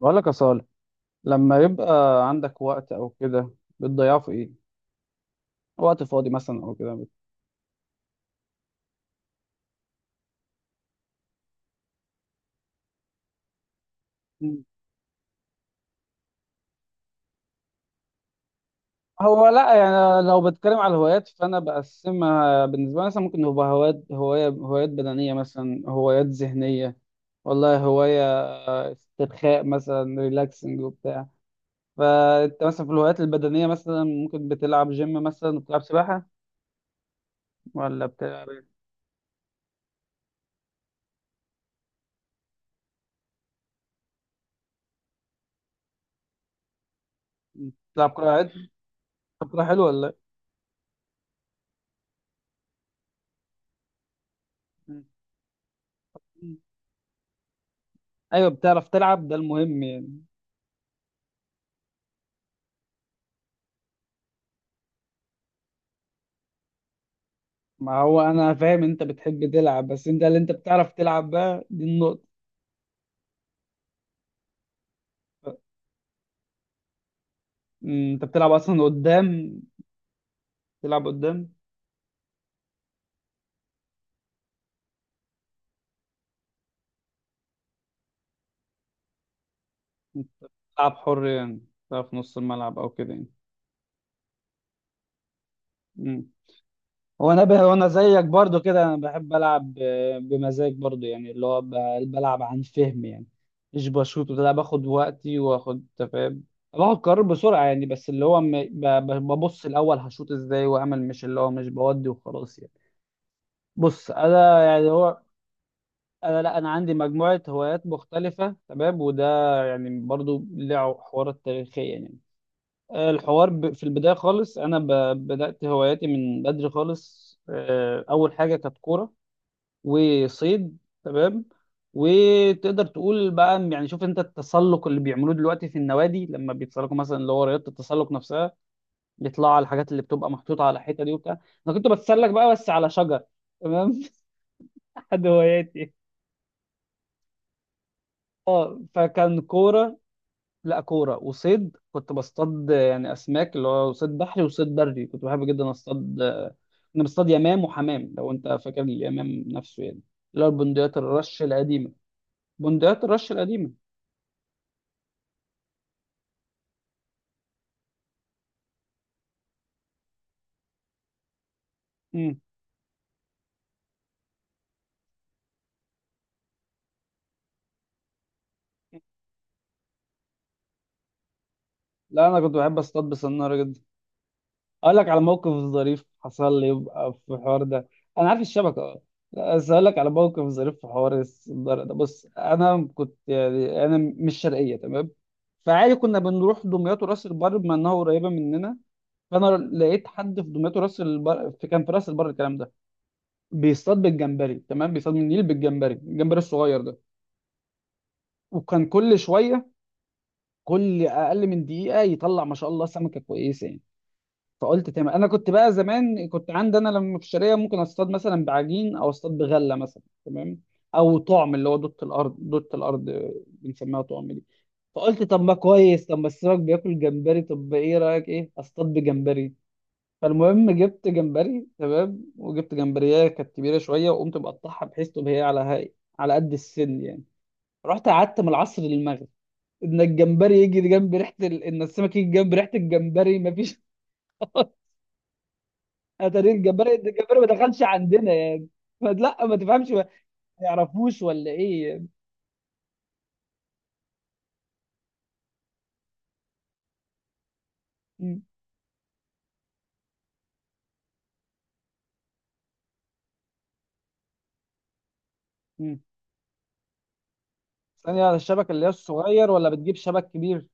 بقول لك يا صالح، لما يبقى عندك وقت او كده بتضيعه في ايه؟ وقت فاضي مثلا او كده مم. هو لا، يعني لو بتكلم على الهوايات فانا بقسمها بالنسبه لي. مثلا ممكن يبقى هوايات بدنيه، مثلا هوايات ذهنيه. والله هوايه استرخاء مثلا، ريلاكسنج وبتاع. فانت مثلا في الهوايات البدنيه مثلا ممكن بتلعب جيم، مثلا بتلعب سباحه، ولا بتلعب كره عادي؟ بتلعب كره حلوه ولا إيه؟ مم. ايوه، بتعرف تلعب، ده المهم يعني. ما هو انا فاهم انت بتحب تلعب، بس انت اللي انت بتعرف تلعب بقى دي النقطة. انت بتلعب اصلا قدام؟ تلعب قدام؟ بتلعب حر يعني؟ بتلعب في نص الملعب او كده يعني؟ أمم. هو انا زيك برضو كده، انا بحب العب بمزاج برضو يعني، اللي هو بلعب عن فهم يعني، مش بشوط ولا باخد وقتي، واخد تفاهم، باخد قرار بسرعة يعني. بس اللي هو ببص الاول هشوط ازاي واعمل، مش اللي هو مش بودي وخلاص يعني. بص انا يعني، هو انا لا، انا عندي مجموعه هوايات مختلفه تمام. وده يعني برضو له حوارات تاريخيه يعني. الحوار في البدايه خالص انا بدات هواياتي من بدري خالص. اول حاجه كانت كوره وصيد. تمام. وتقدر تقول بقى يعني، شوف انت التسلق اللي بيعملوه دلوقتي في النوادي لما بيتسلقوا مثلا، اللي هو رياضه التسلق نفسها، بيطلعوا على الحاجات اللي بتبقى محطوطه على الحيطه دي وبتاع. انا كنت بتسلق بقى بس على شجر. تمام. حد هواياتي. اه، فكان كوره. لا، كورة وصيد، كنت بصطاد يعني أسماك، اللي هو صيد بحري وصيد بري، كنت بحب جدا أصطاد. كنا بنصطاد يمام وحمام، لو أنت فاكر اليمام نفسه يعني، اللي هو البندقيات الرش القديمة، بندقيات الرش القديمة. مم. لا، أنا كنت بحب أصطاد بسنارة جدا. أقول لك على موقف ظريف حصل لي، يبقى في الحوار ده. أنا عارف الشبكة أه. لا، بس أقول لك على موقف ظريف في حوار السنارة ده. بص، أنا كنت يعني، أنا مش شرقية تمام، فعادي كنا بنروح دمياط وراس البر بما انها قريبه مننا. فانا لقيت حد في دمياط راس البر، في كان في راس البر الكلام ده، بيصطاد بالجمبري. تمام. بيصطاد من النيل بالجمبري، الجمبري الصغير ده. وكان كل اقل من دقيقه يطلع ما شاء الله سمكه كويسه يعني. فقلت تمام، انا كنت بقى زمان كنت عندي، انا لما في الشارع ممكن اصطاد مثلا بعجين، او اصطاد بغله مثلا، تمام، او طعم اللي هو دوت الارض. دوت الارض بنسميها طعم دي. فقلت طب ما كويس، طب ما السمك بياكل جمبري، طب ايه رايك ايه اصطاد بجمبري. فالمهم جبت جمبري، تمام، وجبت جمبريه كانت كبيره شويه، وقمت مقطعها بحيث تبقى هي على هاي، على قد السن يعني. رحت قعدت من العصر للمغرب، ان الجمبري يجي جنب ريحه ان السمك يجي جنب ريحه الجمبري، ما فيش. اتاري الجمبري ما دخلش عندنا يعني. فلا ما تفهمش، ما يعرفوش ولا ايه يعني. مم. مم. ثانيه، على الشبكه اللي هي الصغير ولا بتجيب شبك كبير؟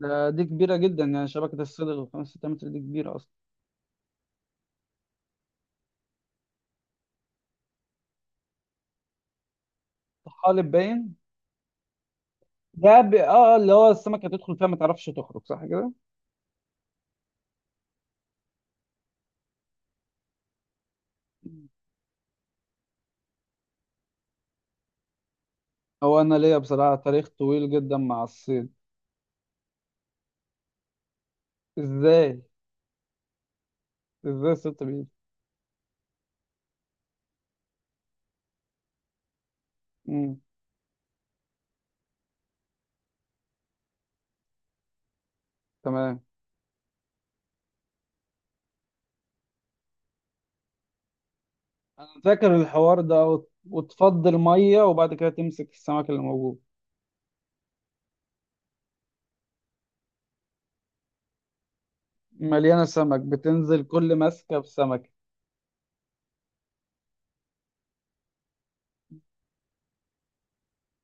دي كبيره جدا يعني، شبكه الصيد الخمس 6 متر دي كبيره اصلا. طحالب باين. اه، اللي هو السمكة تدخل فيها ما تعرفش تخرج، صح كده؟ مم. هو انا ليا بصراحة تاريخ طويل جدا مع الصيد. ازاي؟ ازاي الصيد بيه؟ امم تمام. انا فاكر الحوار ده، وتفضي المية وبعد كده تمسك السمك اللي موجود، مليانة سمك، بتنزل كل ماسكة بسمكة.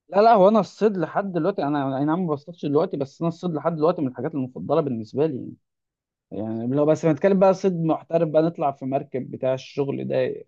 لا لا، هو انا الصيد لحد دلوقتي، انا اي نعم ما بصطادش دلوقتي، بس انا الصيد لحد دلوقتي من الحاجات المفضلة بالنسبة لي يعني. يعني لو بس بنتكلم بقى صيد محترف بقى، نطلع في مركب بتاع الشغل ده.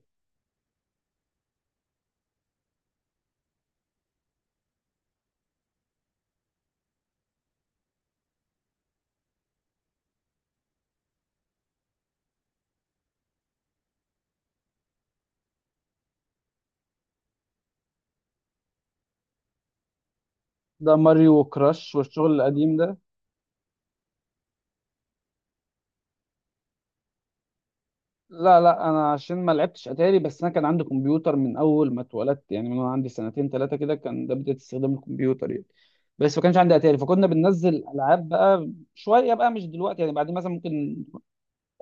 ده ماريو وكراش والشغل القديم ده. لا لا، انا عشان ما لعبتش اتاري، بس انا كان عندي كمبيوتر من اول ما اتولدت يعني، من وانا عندي سنتين ثلاثه كده، كان ده بدايه استخدام الكمبيوتر يعني. بس ما كانش عندي اتاري، فكنا بننزل العاب بقى شويه بقى، مش دلوقتي يعني، بعدين مثلا ممكن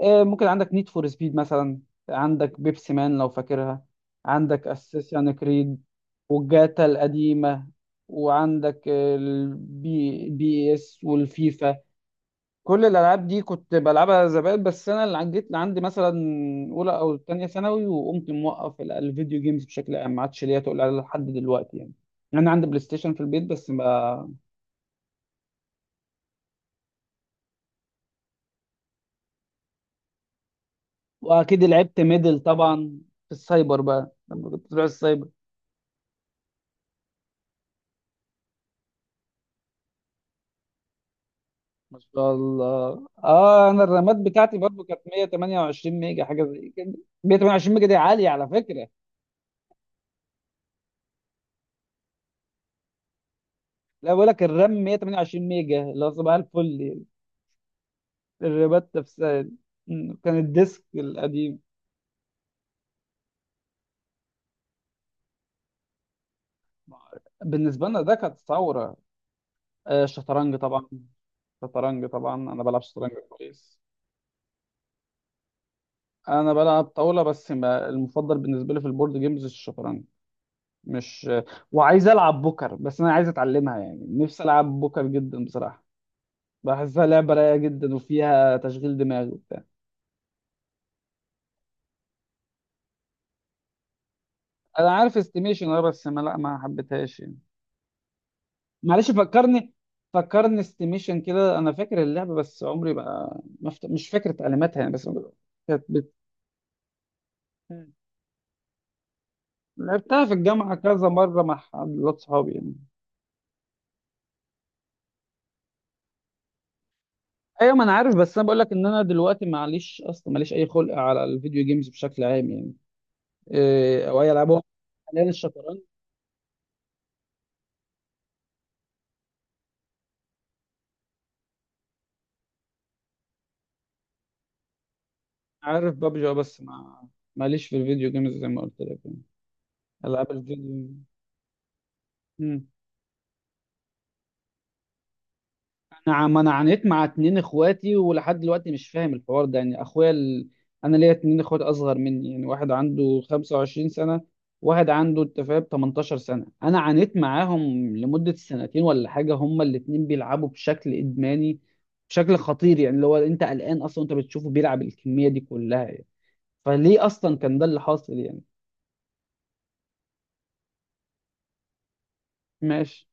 آه، ممكن عندك نيد فور سبيد مثلا، عندك بيبسي مان لو فاكرها، عندك اساسن كريد والجاتا القديمه، وعندك البي بي اس والفيفا. كل الالعاب دي كنت بلعبها زمان. بس انا اللي جيت عندي مثلا اولى او تانية ثانوي وقمت موقف الفيديو جيمز بشكل عام، ما عادش ليا تقول عليها لحد دلوقتي يعني. انا عندي بلاي ستيشن في البيت بس ما. واكيد لعبت ميدل طبعا في السايبر بقى، لما كنت بروح السايبر. ما شاء الله. اه، انا الرامات بتاعتي برضو كانت 128 ميجا حاجه زي كده. 128 ميجا دي عاليه على فكره. لا، بقول لك الرام 128 ميجا اللي هو صباح الفل يعني. الرامات نفسها يعني. مم. كان الديسك القديم. بالنسبة لنا ده كانت ثورة. الشطرنج طبعا. الشطرنج طبعا، أنا بلعب شطرنج كويس. أنا بلعب طاولة، بس ما المفضل بالنسبة لي في البورد جيمز الشطرنج مش. وعايز ألعب بوكر، بس أنا عايز أتعلمها يعني، نفسي ألعب بوكر جدا بصراحة، بحسها لعبة رايقة جدا وفيها تشغيل دماغ وبتاع. أنا عارف استيميشن أه، بس ما، لا ما حبيتهاش يعني. معلش فكرني، فكرني استيميشن كده. أنا فاكر اللعبة بس عمري ما مش فاكر تعليماتها يعني. بس كانت بت... لعبتها في الجامعة كذا مرة مع حد صحابي يعني. ايوه، ما انا عارف. بس انا بقول لك ان انا دلوقتي معليش، اصلا ماليش اي خلق على الفيديو جيمز بشكل عام يعني. إيه او اي العاب؟ حاليا الشطرنج. عارف ببجي، بس ما، ماليش في الفيديو جيمز زي ما قلت لك يعني، العاب الفيديو. انا ما انا عانيت مع اتنين اخواتي ولحد دلوقتي مش فاهم الحوار ده يعني. اخويا انا ليا اتنين اخوات اصغر مني يعني. واحد عنده 25 سنة، واحد عنده، انت فاهم، 18 سنة. انا عانيت معاهم لمدة سنتين ولا حاجة، هما الاتنين بيلعبوا بشكل ادماني، بشكل خطير يعني، اللي هو انت قلقان اصلا انت بتشوفه بيلعب الكمية دي كلها يعني. فليه اصلا كان ده اللي حاصل يعني؟ ماشي.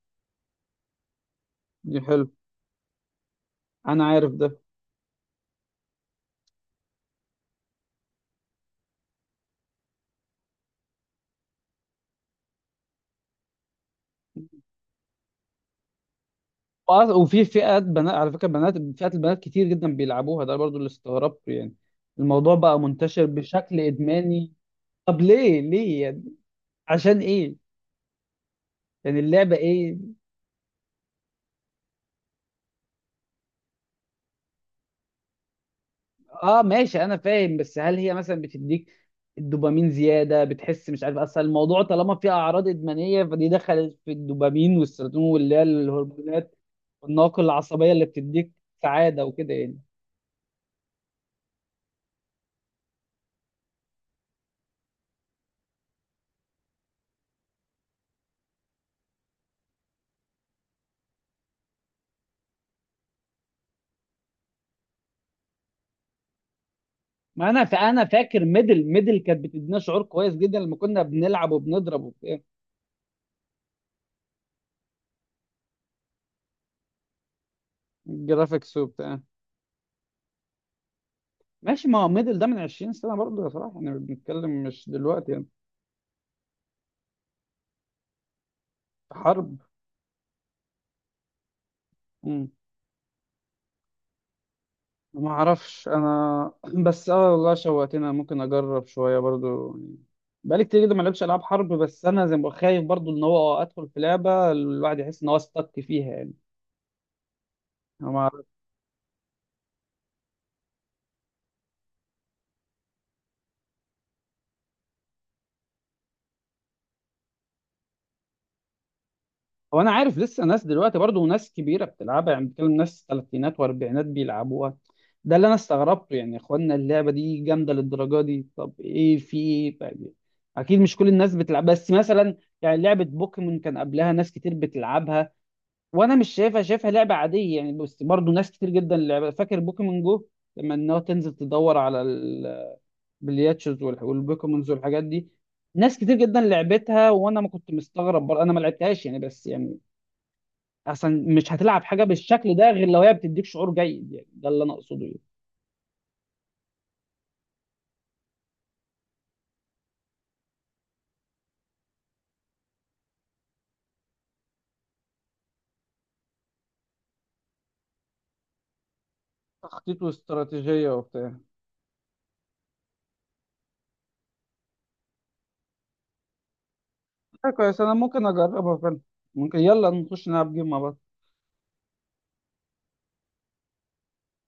دي حلو. انا عارف ده. وفي فئات بنات على فكره، بنات، فئات البنات كتير جدا بيلعبوها. ده برضو اللي استغربته يعني. الموضوع بقى منتشر بشكل ادماني. طب ليه، ليه يعني؟ عشان ايه؟ يعني اللعبه ايه؟ اه ماشي، انا فاهم. بس هل هي مثلا بتديك الدوبامين زياده؟ بتحس، مش عارف، اصل الموضوع طالما فيه اعراض ادمانيه فدي دخلت في الدوبامين والسيروتونين، واللي هي الهرمونات والناقل العصبيه اللي بتديك سعاده وكده يعني. ما فانا فاكر ميدل، ميدل كانت بتدينا شعور كويس جدا لما كنا بنلعب وبنضرب وبتاع. جرافيكس وبتاع. ماشي. ما هو ميدل ده من 20 سنة برضه يا صلاح، احنا بنتكلم مش دلوقتي يعني. حرب. مم. ما اعرفش انا بس اه، والله شوقتني. أنا ممكن اجرب شوية برضه، بقالي كتير جدا ما لعبش العاب حرب. بس انا زي ما بقول خايف برضه ان هو ادخل في لعبة الواحد يحس ان هو استك فيها يعني. هو انا عارف لسه ناس دلوقتي برضه ناس كبيره بتلعبها يعني، بتكلم ناس ثلاثينات واربعينات بيلعبوها. ده اللي انا استغربته يعني. يا اخوانا اللعبه دي جامده للدرجه دي؟ طب ايه في ايه طيب. اكيد مش كل الناس بتلعب. بس مثلا يعني لعبه بوكيمون كان قبلها ناس كتير بتلعبها، وانا مش شايفها، شايفها لعبه عاديه يعني، بس برضه ناس كتير جدا لعبها. فاكر بوكيمون جو لما انها تنزل تدور على البلياتشز والبوكيمونز والحاجات دي. ناس كتير جدا لعبتها وانا ما كنت مستغرب برضه، انا ما لعبتهاش يعني. بس يعني اصلا مش هتلعب حاجه بالشكل ده غير لو هي بتديك شعور جيد يعني، ده اللي انا اقصده يعني. تخطيط واستراتيجيه وبتاع. حاجة كويس، انا ممكن اجربها فعلا. ممكن يلا نخش نلعب جيم مع بعض.